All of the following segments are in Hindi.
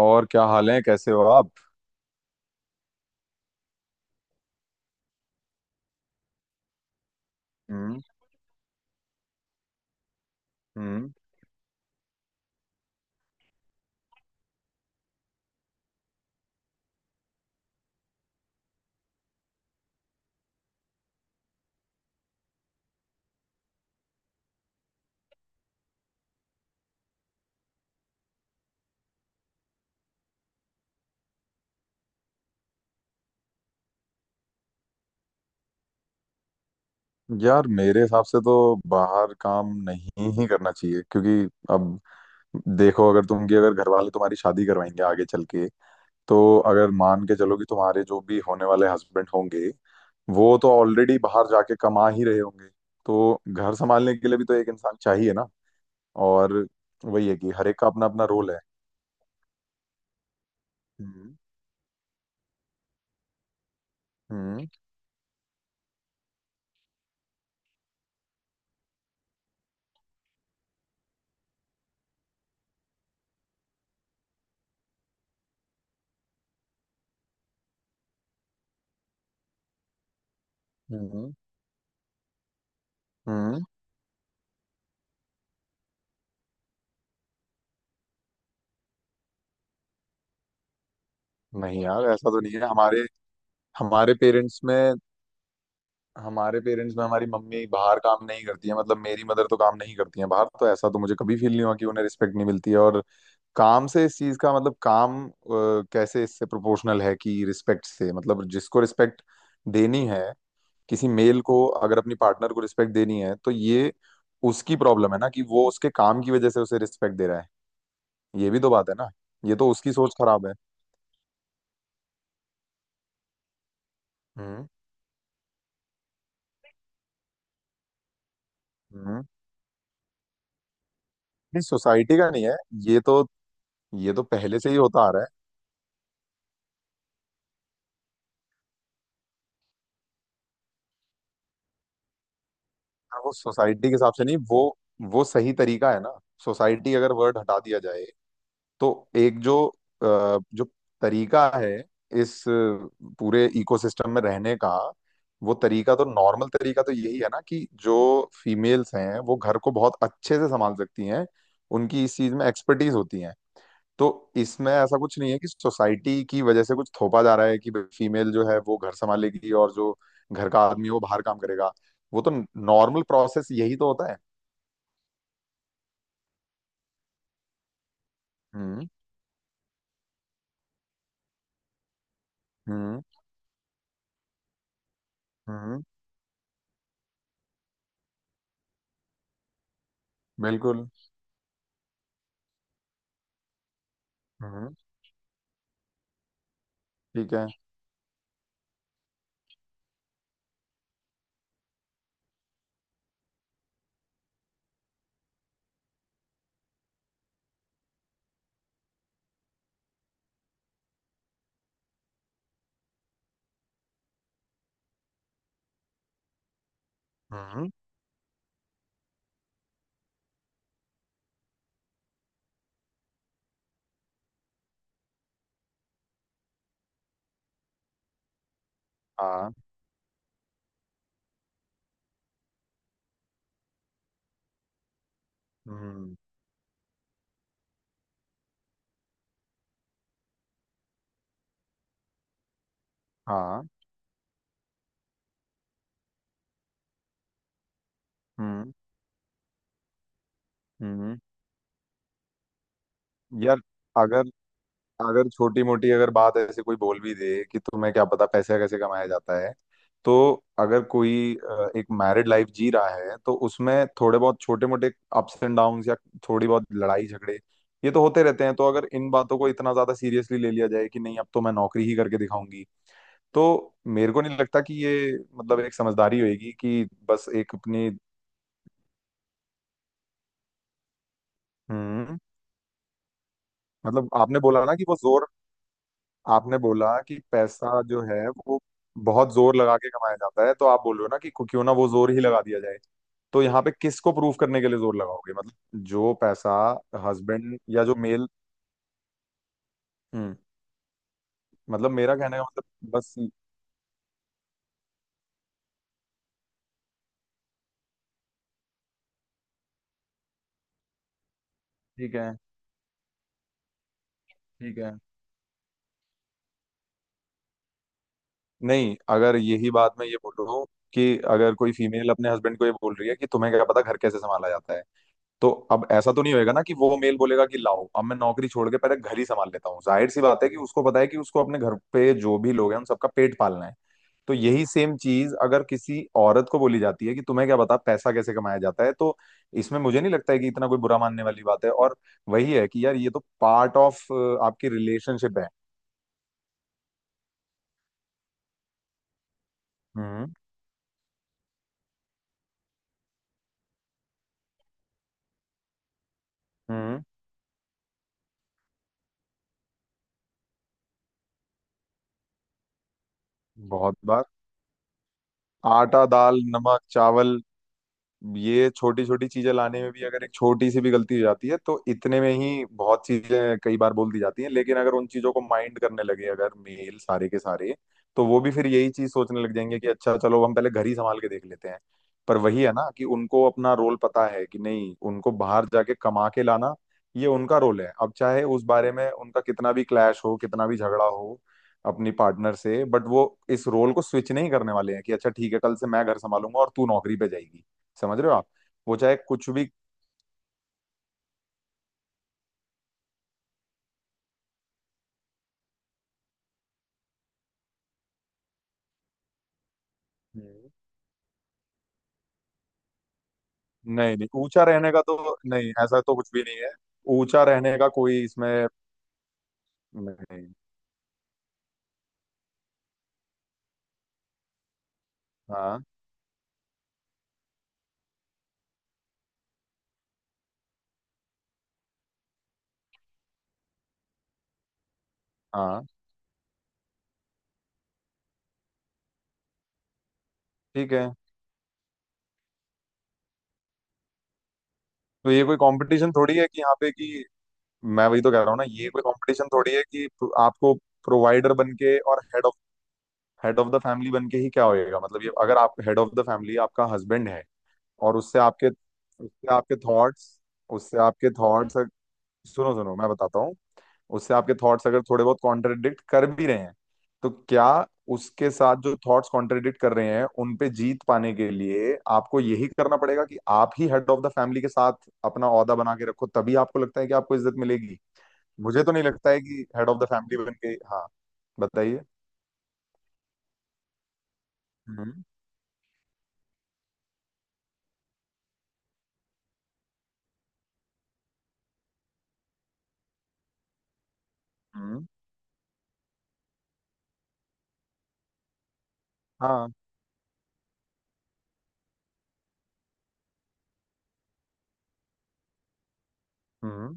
और क्या हाल है? कैसे हो आप? हम्म। हम्म। यार, मेरे हिसाब से तो बाहर काम नहीं ही करना चाहिए, क्योंकि अब देखो, अगर तुम कि अगर घर वाले तुम्हारी शादी करवाएंगे आगे चल के, तो अगर मान के चलो कि तुम्हारे जो भी होने वाले हस्बैंड होंगे, वो तो ऑलरेडी बाहर जाके कमा ही रहे होंगे। तो घर संभालने के लिए भी तो एक इंसान चाहिए ना। और वही है कि हर एक का अपना अपना रोल है। हम्म। हम्म। हम्म। हम्म। नहीं यार, ऐसा तो नहीं है। हमारे हमारे पेरेंट्स में, हमारी मम्मी बाहर काम नहीं करती है। मतलब मेरी मदर तो काम नहीं करती है बाहर। तो ऐसा तो मुझे कभी फील नहीं हुआ कि उन्हें रिस्पेक्ट नहीं मिलती है। और काम से इस चीज का मतलब, काम कैसे इससे प्रोपोर्शनल है कि रिस्पेक्ट से? मतलब जिसको रिस्पेक्ट देनी है, किसी मेल को अगर अपनी पार्टनर को रिस्पेक्ट देनी है, तो ये उसकी प्रॉब्लम है ना कि वो उसके काम की वजह से उसे रिस्पेक्ट दे रहा है। ये भी तो बात है ना। ये तो उसकी सोच खराब है। हम्म। हम्म। नहीं, सोसाइटी का नहीं है। ये तो ये तो पहले से ही होता आ रहा है। हाँ, वो सोसाइटी के हिसाब से नहीं, वो सही तरीका है ना। सोसाइटी अगर वर्ड हटा दिया जाए, तो एक जो तरीका है, इस पूरे इकोसिस्टम में रहने का, वो तरीका तो, नॉर्मल तरीका तो यही है ना कि जो फीमेल्स हैं वो घर को बहुत अच्छे से संभाल सकती हैं। उनकी इस चीज में एक्सपर्टीज होती है। तो इसमें ऐसा कुछ नहीं है कि सोसाइटी की वजह से कुछ थोपा जा रहा है कि फीमेल जो है वो घर संभालेगी और जो घर का आदमी है वो बाहर काम करेगा। वो तो नॉर्मल प्रोसेस यही तो होता है। हम्म। हम्म। हम्म। बिल्कुल। हम्म। ठीक है। हम्म। हाँ। हम्म। हाँ। हम्म। हम्म। यार, अगर अगर छोटी मोटी अगर बात ऐसे कोई बोल भी दे कि तुम्हें क्या पता पैसा कैसे कमाया जाता है, तो अगर कोई एक मैरिड लाइफ जी रहा है, तो उसमें थोड़े बहुत छोटे मोटे अप्स एंड डाउन्स या थोड़ी बहुत लड़ाई झगड़े, ये तो होते रहते हैं। तो अगर इन बातों को इतना ज्यादा सीरियसली ले लिया जाए कि नहीं अब तो मैं नौकरी ही करके दिखाऊंगी, तो मेरे को नहीं लगता कि ये मतलब एक समझदारी होगी कि बस एक अपनी। हम्म। मतलब आपने बोला ना कि वो जोर, आपने बोला कि पैसा जो है वो बहुत जोर लगा के कमाया जाता है, तो आप बोल रहे हो ना कि क्यों ना वो जोर ही लगा दिया जाए। तो यहाँ पे किसको प्रूफ करने के लिए जोर लगाओगे? मतलब जो पैसा, हस्बैंड या जो मेल। हम्म। मतलब मेरा कहने का मतलब बस। ठीक है। ठीक है। नहीं, अगर यही बात, मैं ये बोल रहा हूँ कि अगर कोई फीमेल अपने हस्बैंड को ये बोल रही है कि तुम्हें क्या पता घर कैसे संभाला जाता है, तो अब ऐसा तो नहीं होएगा ना कि वो मेल बोलेगा कि लाओ अब मैं नौकरी छोड़ के पहले घर ही संभाल लेता हूँ। जाहिर सी बात है कि उसको पता है कि उसको अपने घर पे जो भी लोग हैं उन सबका पेट पालना है। तो यही सेम चीज अगर किसी औरत को बोली जाती है कि तुम्हें क्या पता पैसा कैसे कमाया जाता है, तो इसमें मुझे नहीं लगता है कि इतना कोई बुरा मानने वाली बात है। और वही है कि यार ये तो पार्ट ऑफ आपकी रिलेशनशिप है। हम्म। हम्म। बहुत बार। आटा, दाल, नमक, चावल, ये छोटी छोटी चीजें लाने में भी अगर एक छोटी सी भी गलती हो जाती है, तो इतने में ही बहुत चीजें कई बार बोल दी जाती हैं। लेकिन अगर उन चीजों को माइंड करने लगे, अगर मेल सारे के सारे, तो वो भी फिर यही चीज सोचने लग जाएंगे कि अच्छा चलो, हम पहले घर ही संभाल के देख लेते हैं। पर वही है ना कि उनको अपना रोल पता है कि नहीं, उनको बाहर जाके कमा के लाना, ये उनका रोल है। अब चाहे उस बारे में उनका कितना भी क्लैश हो, कितना भी झगड़ा हो अपनी पार्टनर से, बट वो इस रोल को स्विच नहीं करने वाले हैं कि अच्छा ठीक है, कल से मैं घर संभालूंगा और तू नौकरी पे जाएगी। समझ रहे हो आप? वो चाहे कुछ भी। हम्म। नहीं नहीं, ऊंचा रहने का तो नहीं, ऐसा तो कुछ भी नहीं है। ऊंचा रहने का कोई इसमें नहीं। हाँ हाँ। ठीक है। तो ये कोई कंपटीशन थोड़ी है कि यहाँ पे कि, मैं वही तो कह रहा हूँ ना, ये कोई कंपटीशन थोड़ी है कि आपको प्रोवाइडर बन के, और हेड ऑफ द फैमिली बन के ही क्या होएगा। मतलब ये, अगर आप हेड ऑफ द फैमिली, आपका हस्बैंड है, और उससे आपके थॉट्स उससे आपके थॉट्स सुनो सुनो, मैं बताता हूँ, उससे आपके थॉट्स अगर थोड़े बहुत कॉन्ट्रडिक्ट कर भी रहे हैं, तो क्या उसके साथ जो थॉट्स कॉन्ट्रडिक्ट कर रहे हैं उन पे जीत पाने के लिए आपको यही करना पड़ेगा कि आप ही हेड ऑफ द फैमिली के साथ अपना ओहदा बना के रखो, तभी आपको लगता है कि आपको इज्जत मिलेगी? मुझे तो नहीं लगता है कि हेड ऑफ द फैमिली बन के। हाँ, बताइए। हम्म। हम्म। हाँ। हम्म।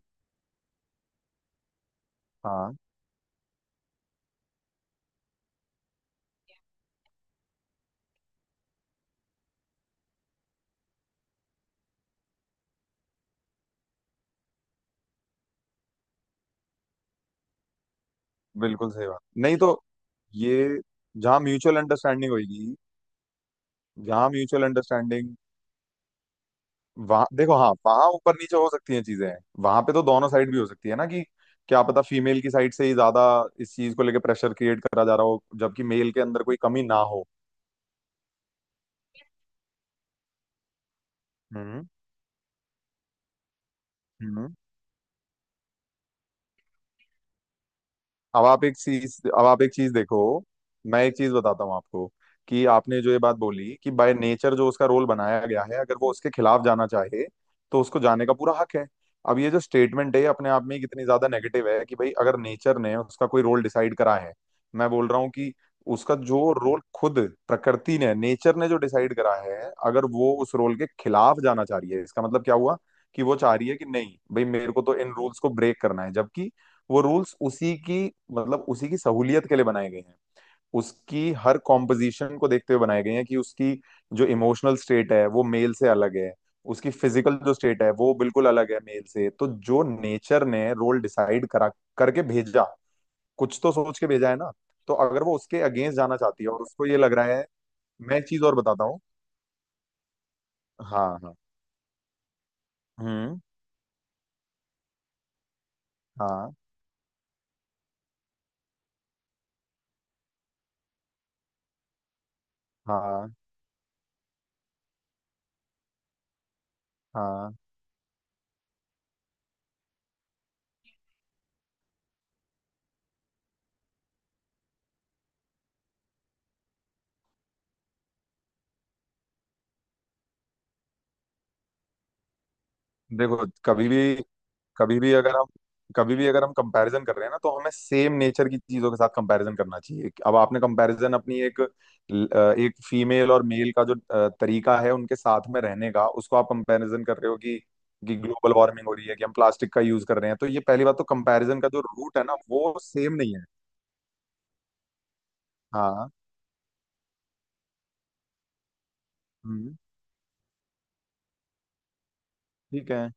हाँ। बिल्कुल सही बात। नहीं तो ये, जहाँ म्यूचुअल अंडरस्टैंडिंग होगी जहाँ म्यूचुअल अंडरस्टैंडिंग, वहां देखो, हाँ, वहां ऊपर नीचे हो सकती हैं चीजें। वहां पे तो दोनों साइड भी हो सकती है ना कि क्या पता फीमेल की साइड से ही ज्यादा इस चीज को लेके प्रेशर क्रिएट करा जा रहा हो, जबकि मेल के अंदर कोई कमी ना हो। हम्म। हम्म। अब आप एक चीज देखो। मैं एक चीज बताता हूँ आपको, कि आपने जो ये बात बोली कि बाय नेचर जो उसका रोल बनाया गया है, अगर वो उसके खिलाफ जाना चाहे तो उसको जाने का पूरा हक है। अब ये जो स्टेटमेंट है, ये अपने आप में ही कितनी ज्यादा नेगेटिव है कि भाई अगर नेचर ने उसका कोई रोल डिसाइड करा है। मैं बोल रहा हूँ कि उसका जो रोल खुद प्रकृति ने, नेचर ने जो डिसाइड करा है, अगर वो उस रोल के खिलाफ जाना चाह रही है, इसका मतलब क्या हुआ? कि वो चाह रही है कि नहीं भाई मेरे को तो इन रूल्स को ब्रेक करना है, जबकि वो रूल्स उसी की, मतलब उसी की सहूलियत के लिए बनाए गए हैं। उसकी हर कॉम्पोजिशन को देखते हुए बनाए गए हैं कि उसकी जो इमोशनल स्टेट है वो मेल से अलग है, उसकी फिजिकल जो स्टेट है वो बिल्कुल अलग है मेल से। तो जो नेचर ने रोल डिसाइड करा करके भेजा, कुछ तो सोच के भेजा है ना। तो अगर वो उसके अगेंस्ट जाना चाहती है और उसको ये लग रहा है, मैं एक चीज और बताता हूँ। हाँ हाँ। हम्म। हाँ हाँ हाँ। देखो, कभी भी अगर हम कभी भी अगर हम कंपैरिजन कर रहे हैं ना, तो हमें सेम नेचर की चीजों के साथ कंपैरिजन करना चाहिए। अब आपने कंपैरिजन, अपनी एक एक फीमेल और मेल का जो तरीका है उनके साथ में रहने का, उसको आप कंपैरिजन कर रहे हो कि ग्लोबल वार्मिंग हो रही है कि हम प्लास्टिक का यूज कर रहे हैं। तो ये पहली बात, तो कंपैरिजन का जो रूट है ना वो सेम नहीं है। हाँ। हम्म। ठीक है।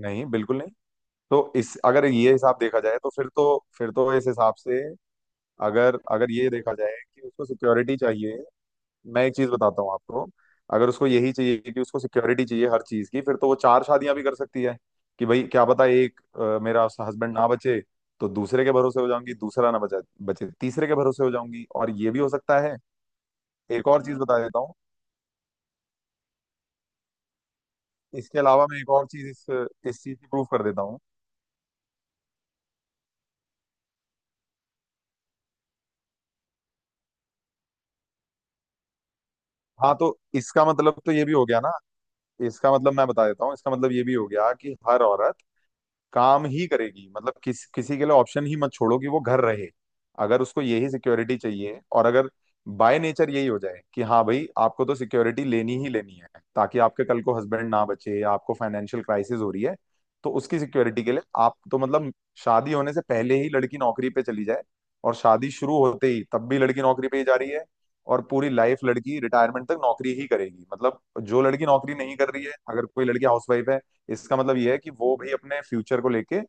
नहीं, बिल्कुल नहीं। तो इस, अगर ये हिसाब देखा जाए, तो फिर तो, फिर तो इस हिसाब से, अगर अगर ये देखा जाए कि उसको सिक्योरिटी चाहिए, मैं एक चीज बताता हूँ आपको, अगर उसको यही चाहिए कि उसको सिक्योरिटी चाहिए हर चीज की, फिर तो वो चार शादियां भी कर सकती है। कि भाई क्या पता, एक मेरा हस्बैंड ना बचे तो दूसरे के भरोसे हो जाऊंगी, दूसरा ना बचा बचे तीसरे के भरोसे हो जाऊंगी, और ये भी हो सकता है। एक और चीज बता देता हूँ। इसके अलावा मैं एक और चीज इस चीज की प्रूफ कर देता हूँ। हाँ, तो इसका मतलब तो ये भी हो गया ना, इसका मतलब मैं बता देता हूँ, इसका मतलब ये भी हो गया कि हर औरत काम ही करेगी। मतलब किसी के लिए ऑप्शन ही मत छोड़ो कि वो घर रहे। अगर उसको यही सिक्योरिटी चाहिए, और अगर बाय नेचर यही हो जाए कि हाँ भाई आपको तो सिक्योरिटी लेनी ही लेनी है, ताकि आपके कल को हस्बैंड ना बचे, या आपको फाइनेंशियल क्राइसिस हो रही है, तो उसकी सिक्योरिटी के लिए आप तो मतलब शादी होने से पहले ही लड़की नौकरी पे चली जाए, और शादी शुरू होते ही तब भी लड़की नौकरी पे ही जा रही है, और पूरी लाइफ लड़की रिटायरमेंट तक नौकरी ही करेगी। मतलब जो लड़की नौकरी नहीं कर रही है, अगर कोई लड़की हाउसवाइफ है, इसका मतलब ये है कि वो भाई अपने फ्यूचर को लेके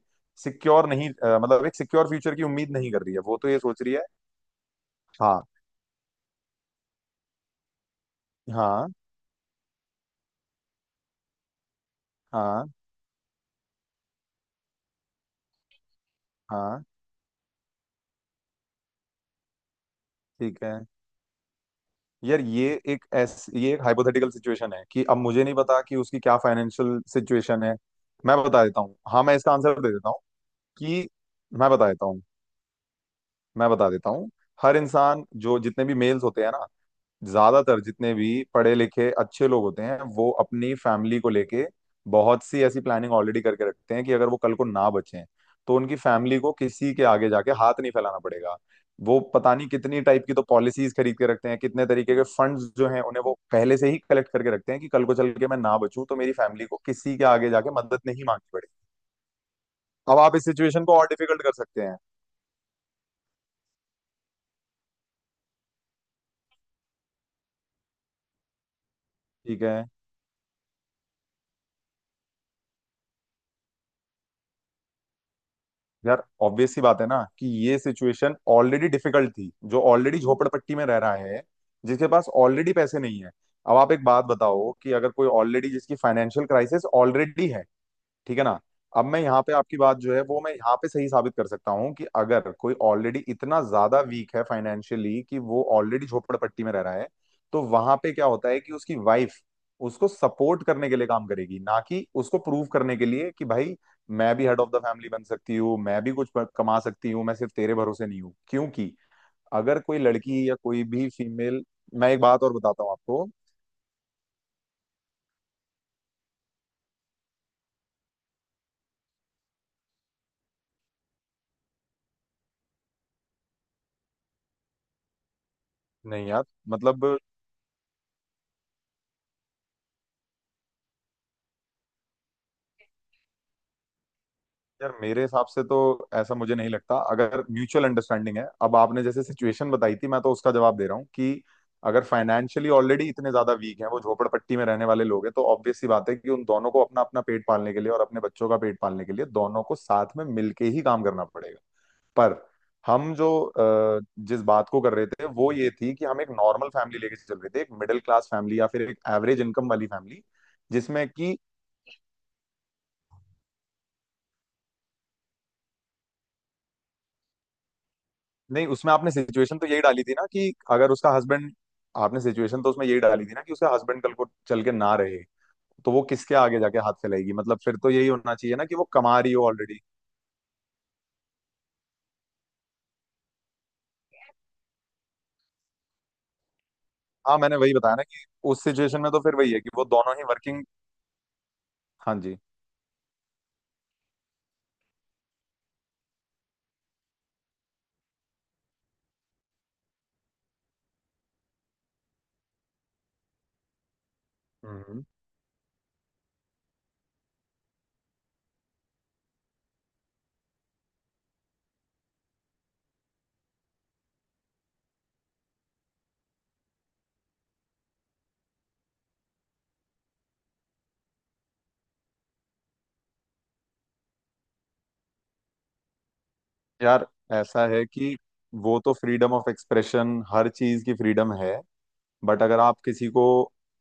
सिक्योर नहीं, मतलब एक सिक्योर फ्यूचर की उम्मीद नहीं कर रही है। वो तो ये सोच रही है। हाँ हाँ हाँ हाँ। ठीक है। यार, ये एक हाइपोथेटिकल सिचुएशन है कि अब मुझे नहीं पता कि उसकी क्या फाइनेंशियल सिचुएशन है। मैं बता देता हूँ, हाँ मैं इसका आंसर दे देता हूँ कि मैं बता देता हूँ, मैं बता देता हूँ। हर इंसान, जो जितने भी मेल्स होते हैं ना, ज्यादातर जितने भी पढ़े लिखे अच्छे लोग होते हैं वो अपनी फैमिली को लेके बहुत सी ऐसी प्लानिंग ऑलरेडी करके रखते हैं कि अगर वो कल को ना बचें तो उनकी फैमिली को किसी के आगे जाके हाथ नहीं फैलाना पड़ेगा। वो पता नहीं कितनी टाइप की तो पॉलिसीज खरीद के रखते हैं, कितने तरीके के फंड्स जो हैं उन्हें वो पहले से ही कलेक्ट करके रखते हैं कि कल को चल के मैं ना बचूं तो मेरी फैमिली को किसी के आगे जाके मदद नहीं मांगनी पड़ेगी। अब आप इस सिचुएशन को और डिफिकल्ट कर सकते हैं। ठीक है। यार, ऑब्वियस सी बात है ना कि ये सिचुएशन ऑलरेडी डिफिकल्ट थी, जो ऑलरेडी झोपड़पट्टी में रह रहा है, जिसके पास ऑलरेडी पैसे नहीं है। अब आप एक बात बताओ कि अगर कोई ऑलरेडी, जिसकी फाइनेंशियल क्राइसिस ऑलरेडी है, ठीक है ना, अब मैं यहाँ पे आपकी बात जो है वो मैं यहाँ पे सही साबित कर सकता हूँ कि अगर कोई ऑलरेडी इतना ज्यादा वीक है फाइनेंशियली, कि वो ऑलरेडी झोपड़पट्टी में रह रहा है, तो वहां पे क्या होता है कि उसकी वाइफ उसको सपोर्ट करने के लिए काम करेगी, ना कि उसको प्रूव करने के लिए कि भाई मैं भी हेड ऑफ द फैमिली बन सकती हूँ, मैं भी कुछ कमा सकती हूँ, मैं सिर्फ तेरे भरोसे नहीं हूँ। क्योंकि अगर कोई लड़की या कोई भी फीमेल, मैं एक बात और बताता हूँ आपको। नहीं यार, मतलब, यार मेरे हिसाब से तो ऐसा मुझे नहीं लगता। अगर म्यूचुअल अंडरस्टैंडिंग है, अब आपने जैसे सिचुएशन बताई थी, मैं तो उसका जवाब दे रहा हूँ कि अगर फाइनेंशियली ऑलरेडी इतने ज्यादा वीक हैं, वो झोपड़पट्टी में रहने वाले लोग हैं, तो ऑब्वियस सी बात है कि उन दोनों को अपना अपना पेट पालने के लिए और अपने बच्चों का पेट पालने के लिए दोनों को साथ में मिलके ही काम करना पड़ेगा। पर हम जो अ, जिस बात को कर रहे थे वो ये थी कि हम एक नॉर्मल फैमिली लेके चल रहे थे, एक मिडिल क्लास फैमिली या फिर एक एवरेज इनकम वाली फैमिली जिसमें कि नहीं, उसमें आपने सिचुएशन तो यही डाली थी ना कि अगर उसका हस्बैंड, आपने सिचुएशन तो उसमें यही डाली थी ना कि उसका हस्बैंड कल को चल के ना रहे तो वो किसके आगे जाके हाथ फैलाएगी, मतलब फिर तो यही होना चाहिए ना कि वो कमा रही हो ऑलरेडी। हाँ मैंने वही बताया ना कि उस सिचुएशन में तो फिर वही है कि वो दोनों ही वर्किंग। हाँ जी। हम्म। यार ऐसा है कि वो तो फ्रीडम ऑफ एक्सप्रेशन, हर चीज की फ्रीडम है। बट अगर आप किसी को,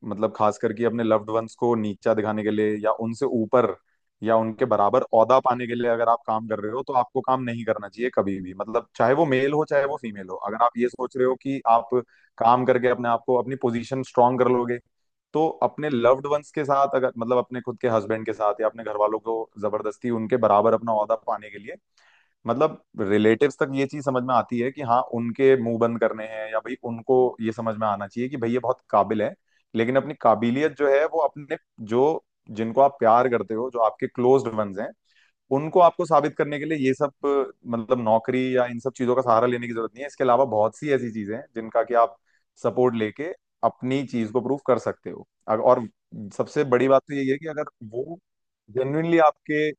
मतलब खास करके अपने लव्ड वंस को नीचा दिखाने के लिए या उनसे ऊपर या उनके बराबर ओहदा पाने के लिए अगर आप काम कर रहे हो, तो आपको काम नहीं करना चाहिए कभी भी। मतलब चाहे वो मेल हो चाहे वो फीमेल हो, अगर आप ये सोच रहे हो कि आप काम करके अपने आप को अपनी पोजीशन स्ट्रांग कर लोगे तो अपने लव्ड वंस के साथ, अगर मतलब अपने खुद के हस्बैंड के साथ या अपने घर वालों को जबरदस्ती उनके बराबर अपना ओहदा पाने के लिए, मतलब रिलेटिव्स तक ये चीज समझ में आती है कि हाँ उनके मुंह बंद करने हैं, या भाई उनको ये समझ में आना चाहिए कि भाई ये बहुत काबिल है। लेकिन अपनी काबिलियत जो है वो अपने जो, जिनको आप प्यार करते हो, जो आपके क्लोज्ड वंस हैं, उनको आपको साबित करने के लिए ये सब, मतलब नौकरी या इन सब चीजों का सहारा लेने की जरूरत नहीं है। इसके अलावा बहुत सी ऐसी चीजें हैं जिनका कि आप सपोर्ट लेके अपनी चीज को प्रूव कर सकते हो। और सबसे बड़ी बात तो यही है कि अगर वो जेन्युइनली आपके,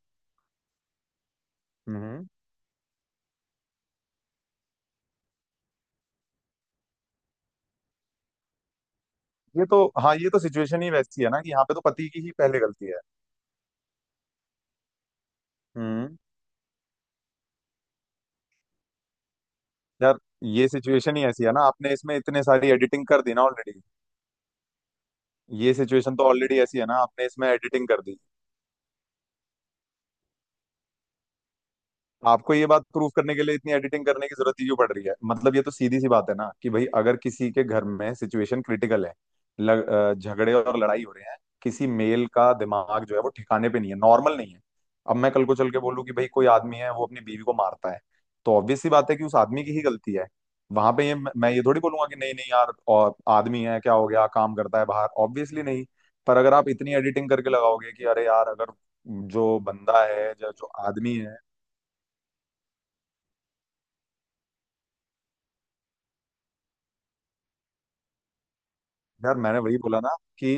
हम्म, ये तो, हाँ ये तो सिचुएशन ही वैसी है ना कि यहाँ पे तो पति की ही पहले गलती है। हम्म। यार ये सिचुएशन ही ऐसी है ना, आपने इसमें इतने सारी एडिटिंग कर दी ना ऑलरेडी, ये सिचुएशन तो ऑलरेडी ऐसी है ना, आपने इसमें एडिटिंग कर दी। आपको ये बात प्रूव करने के लिए इतनी एडिटिंग करने की जरूरत ही क्यों पड़ रही है, मतलब ये तो सीधी सी बात है ना कि भाई अगर किसी के घर में सिचुएशन क्रिटिकल है, झगड़े और लड़ाई हो रहे हैं, किसी मेल का दिमाग जो है वो ठिकाने पे नहीं है, नॉर्मल नहीं है, अब मैं कल को चल के बोलूं कि भाई कोई आदमी है वो अपनी बीवी को मारता है, तो ऑब्वियस सी बात है कि उस आदमी की ही गलती है। वहां पे ये मैं ये थोड़ी बोलूंगा कि नहीं नहीं यार, और आदमी है क्या हो गया, काम करता है बाहर, ऑब्वियसली नहीं। पर अगर आप इतनी एडिटिंग करके लगाओगे कि अरे यार, अगर जो बंदा है या जो आदमी है, यार मैंने वही बोला ना कि,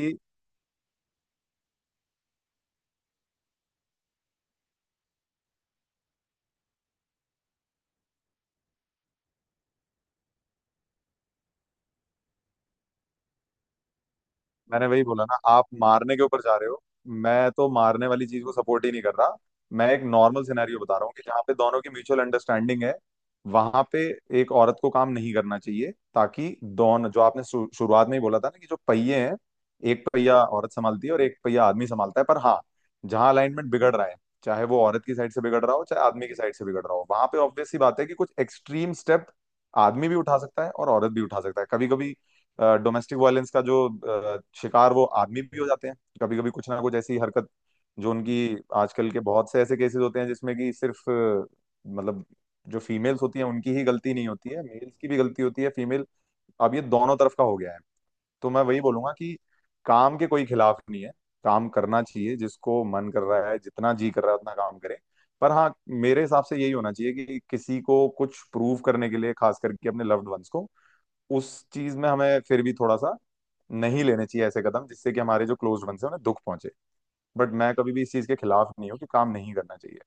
मैंने वही बोला ना, आप मारने के ऊपर जा रहे हो। मैं तो मारने वाली चीज को सपोर्ट ही नहीं कर रहा। मैं एक नॉर्मल सिनेरियो बता रहा हूँ कि जहाँ पे दोनों की म्यूचुअल अंडरस्टैंडिंग है, वहां पे एक औरत को काम नहीं करना चाहिए, ताकि दोनों, जो आपने शुरुआत में ही बोला था ना कि जो पहिए हैं, एक पहिया औरत संभालती है और एक पहिया आदमी संभालता है। पर हाँ, जहाँ अलाइनमेंट बिगड़ रहा है, चाहे वो औरत की साइड से बिगड़ रहा हो चाहे आदमी की साइड से बिगड़ रहा हो, वहां पे ऑब्वियस सी बात है कि कुछ एक्सट्रीम स्टेप आदमी भी उठा सकता है और औरत भी उठा सकता है। कभी कभी डोमेस्टिक वायलेंस का जो शिकार, वो आदमी भी हो जाते हैं, कभी कभी कुछ ना कुछ ऐसी हरकत जो उनकी, आजकल के बहुत से ऐसे केसेस होते हैं जिसमें कि सिर्फ मतलब जो फीमेल्स होती हैं उनकी ही गलती नहीं होती है, मेल्स की भी गलती होती है। फीमेल, अब ये दोनों तरफ का हो गया है। तो मैं वही बोलूंगा कि काम के कोई खिलाफ नहीं है, काम करना चाहिए, जिसको मन कर रहा है जितना जी कर रहा है उतना काम करे। पर हाँ, मेरे हिसाब से यही होना चाहिए कि किसी को कुछ प्रूव करने के लिए, खास करके अपने लव्ड वंस को, उस चीज में हमें फिर भी थोड़ा सा नहीं लेने चाहिए ऐसे कदम जिससे कि हमारे जो क्लोज्ड वंस हैं उन्हें दुख पहुंचे। बट मैं कभी भी इस चीज के खिलाफ नहीं हूँ कि काम नहीं करना चाहिए।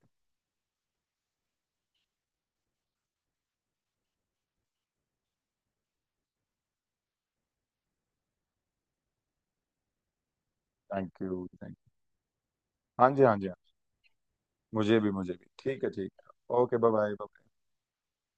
थैंक यू, थैंक यू, हाँ जी हाँ जी हाँ। मुझे भी, मुझे भी, ठीक है, ठीक है, ओके, बाय बाय।